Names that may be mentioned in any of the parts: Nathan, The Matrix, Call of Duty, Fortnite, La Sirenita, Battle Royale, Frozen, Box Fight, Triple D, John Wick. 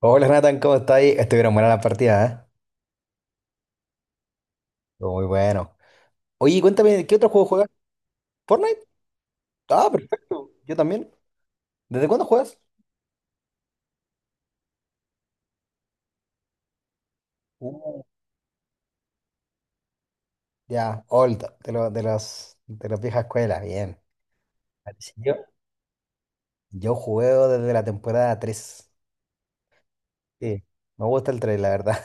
Hola Nathan, ¿cómo estáis? Estuvieron buenas las partidas, ¿eh? Estuvo muy bueno. Oye, cuéntame, ¿qué otro juego juegas? ¿Fortnite? Ah, perfecto. Yo también. ¿Desde cuándo juegas? Uh, ya, old, de los de las viejas escuelas, bien. Sí, yo, juego desde la temporada 3. Sí, me gusta el 3, la verdad.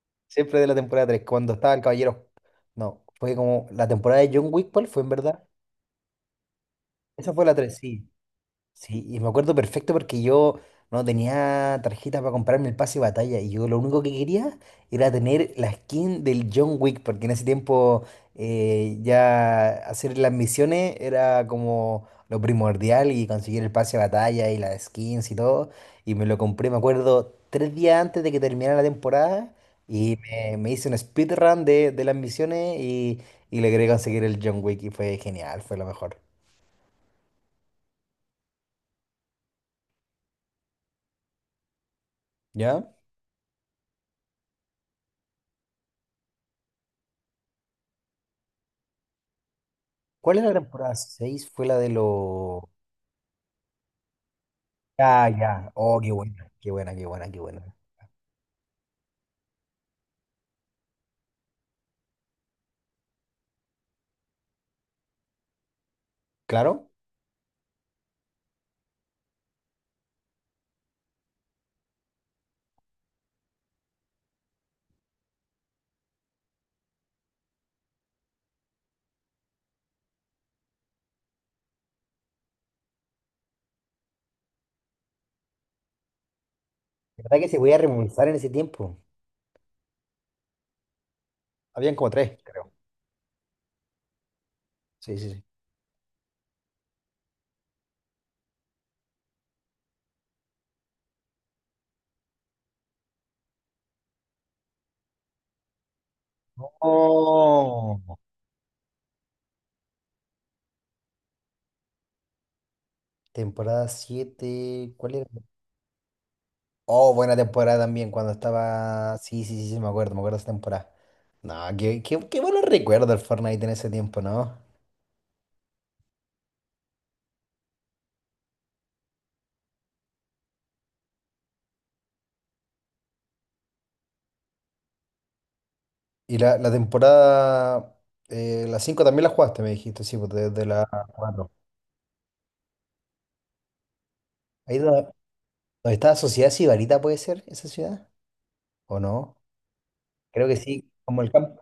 Siempre de la temporada tres, cuando estaba el Caballero. No, fue como la temporada de John Wick, ¿cuál fue en verdad? Esa fue la 3, sí. Sí, y me acuerdo perfecto porque yo no tenía tarjeta para comprarme el pase de batalla, y yo lo único que quería era tener la skin del John Wick, porque en ese tiempo ya hacer las misiones era como lo primordial, y conseguir el pase de batalla y las skins y todo. Y me lo compré, me acuerdo, tres días antes de que terminara la temporada, y me hice un speedrun de las misiones, y logré conseguir el John Wick y fue genial, fue lo mejor. ¿Ya? ¿Cuál es la temporada 6? Fue la de los... Ah, ya. Oh, qué buena, qué buena, qué buena, qué buena. Claro. La verdad que se podía remontar en ese tiempo. Habían como tres, creo. Sí, sí, sí. Oh. ¿Temporada siete, cuál era? Oh, buena temporada también, cuando estaba... Sí, sí, sí, sí, me acuerdo de esa temporada. No, qué, qué, qué buenos recuerdos del Fortnite en ese tiempo, ¿no? Y la temporada... la 5 también la jugaste, me dijiste, sí, pues desde la 4. ¿Dónde está Sociedad Sibarita, puede ser esa ciudad? ¿O no? Creo que sí, como el campo.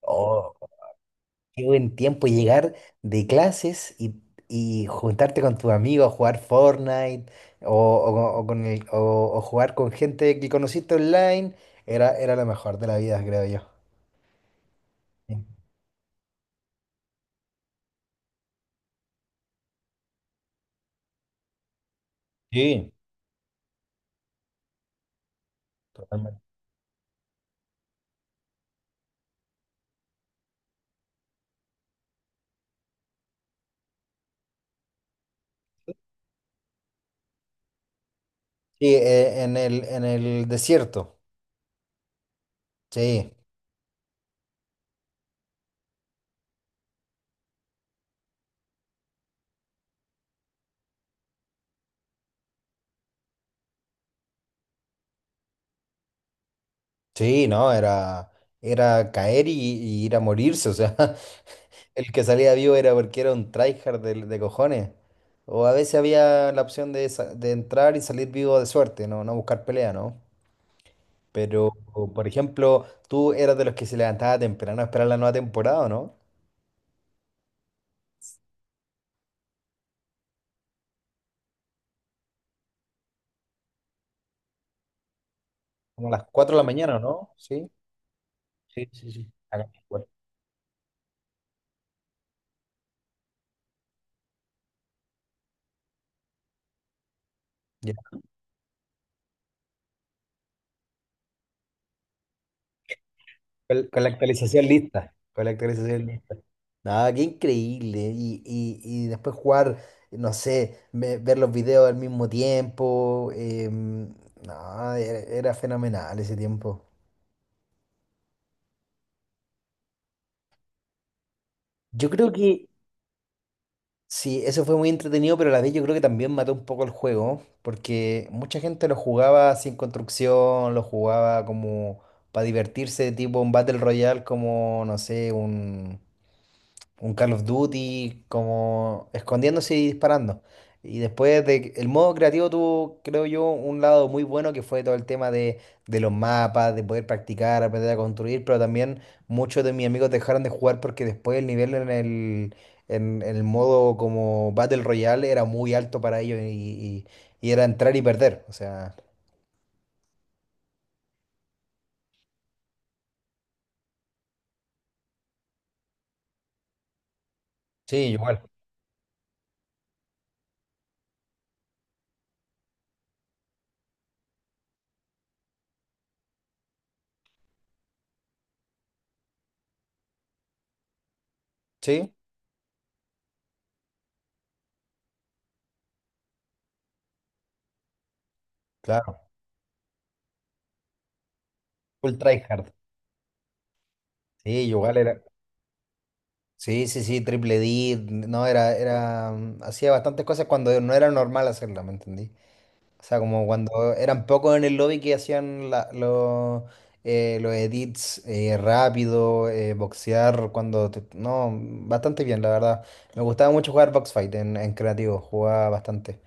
Oh, qué buen tiempo llegar de clases y juntarte con tus amigos a jugar Fortnite o, o con o jugar con gente que conociste online. Era, era lo mejor de la vida, creo yo. Sí, sí, totalmente. Sí, en el desierto. Sí, sí, no, era, era caer y ir a morirse, o sea, el que salía vivo era porque era un tryhard de cojones. O a veces había la opción de, de entrar y salir vivo de suerte, no, no buscar pelea, ¿no? Pero, o, por ejemplo, tú eras de los que se levantaba temprano a esperar la nueva temporada, ¿o no? ¿Como a las 4 de la mañana, o no? Sí. Sí, sí, sí. Acá, igual. Con la actualización lista. Con la actualización lista. No, qué increíble. Y después jugar, no sé, ver los videos al mismo tiempo. No, era, era fenomenal ese tiempo. Yo creo que sí, eso fue muy entretenido, pero a la vez yo creo que también mató un poco el juego, porque mucha gente lo jugaba sin construcción, lo jugaba como para divertirse, tipo un Battle Royale, como, no sé, un Call of Duty, como escondiéndose y disparando. Y después de, el modo creativo tuvo, creo yo, un lado muy bueno que fue todo el tema de los mapas, de poder practicar, aprender a construir, pero también muchos de mis amigos dejaron de jugar porque después el nivel en el modo como Battle Royale era muy alto para ellos y era entrar y perder. O sea, sí, igual. Sí, claro. Full tryhard. Sí, igual era. Sí, sí, sí, Triple D, no, era, era, hacía bastantes cosas cuando no era normal hacerla, ¿me entendí? O sea, como cuando eran pocos en el lobby que hacían los edits rápido, boxear, cuando, no, bastante bien, la verdad. Me gustaba mucho jugar Box Fight en creativo, jugaba bastante.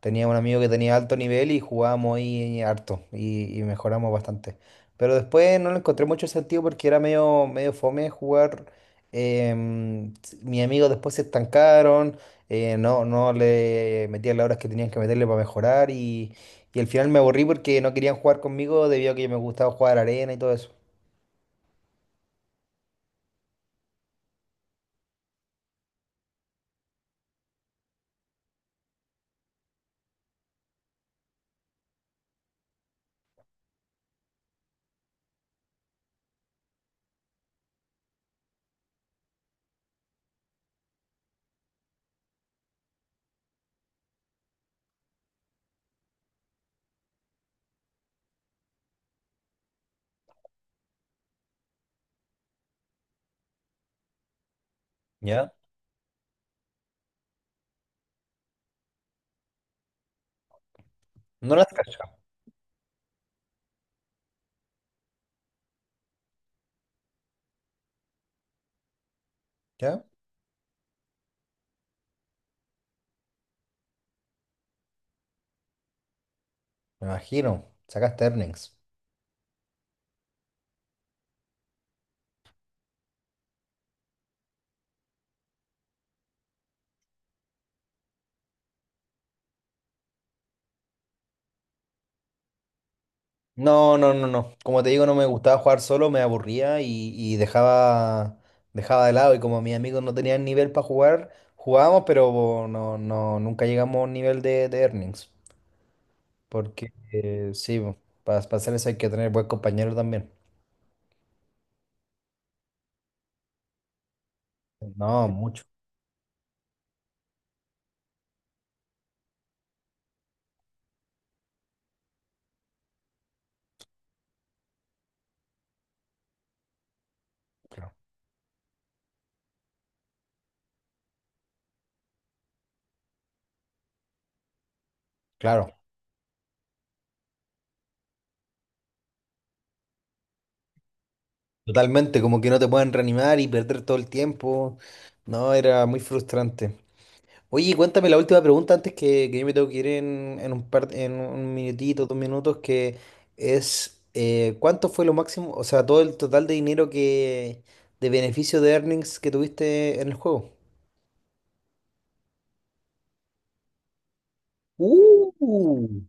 Tenía un amigo que tenía alto nivel y jugábamos ahí harto y mejoramos bastante. Pero después no le encontré mucho sentido porque era medio, medio fome jugar. Mis amigos después se estancaron, no, no le metían las horas que tenían que meterle para mejorar, y al final me aburrí porque no querían jugar conmigo debido a que me gustaba jugar arena y todo eso. ¿Ya? No las cachaba. ¿Ya? Me imagino. Sacaste earnings. No, no, no, no. Como te digo, no me gustaba jugar solo, me aburría y dejaba, dejaba de lado. Y como mis amigos no tenían nivel para jugar, jugábamos, pero no, no, nunca llegamos a un nivel de earnings. Porque sí, para hacer eso hay que tener buen compañero también. No, mucho. Claro. Claro. Totalmente, como que no te pueden reanimar y perder todo el tiempo. No, era muy frustrante. Oye, cuéntame la última pregunta antes que yo me tengo que ir en un par, en un minutito, dos minutos, que es ¿cuánto fue lo máximo? O sea, todo el total de dinero de beneficio de earnings que tuviste en el juego. Uh.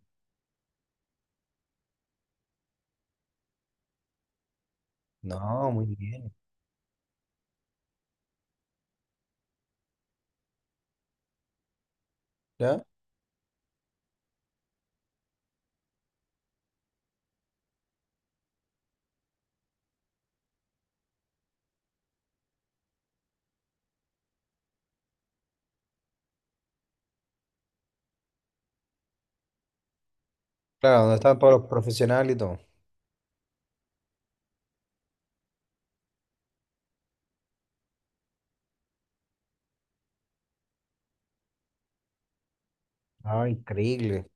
No, muy bien. ¿Ya? Claro, donde estaban todos los profesionales y todo. Ah, increíble.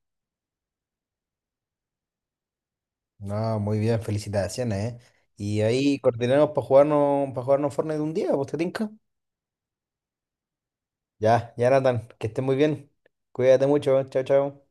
No, muy bien, felicitaciones, ¿eh? Y ahí coordinamos para jugarnos Fortnite un día, ¿vos te tinca? Ya, ya Nathan, que estés muy bien. Cuídate mucho, ¿eh? Chao, chao.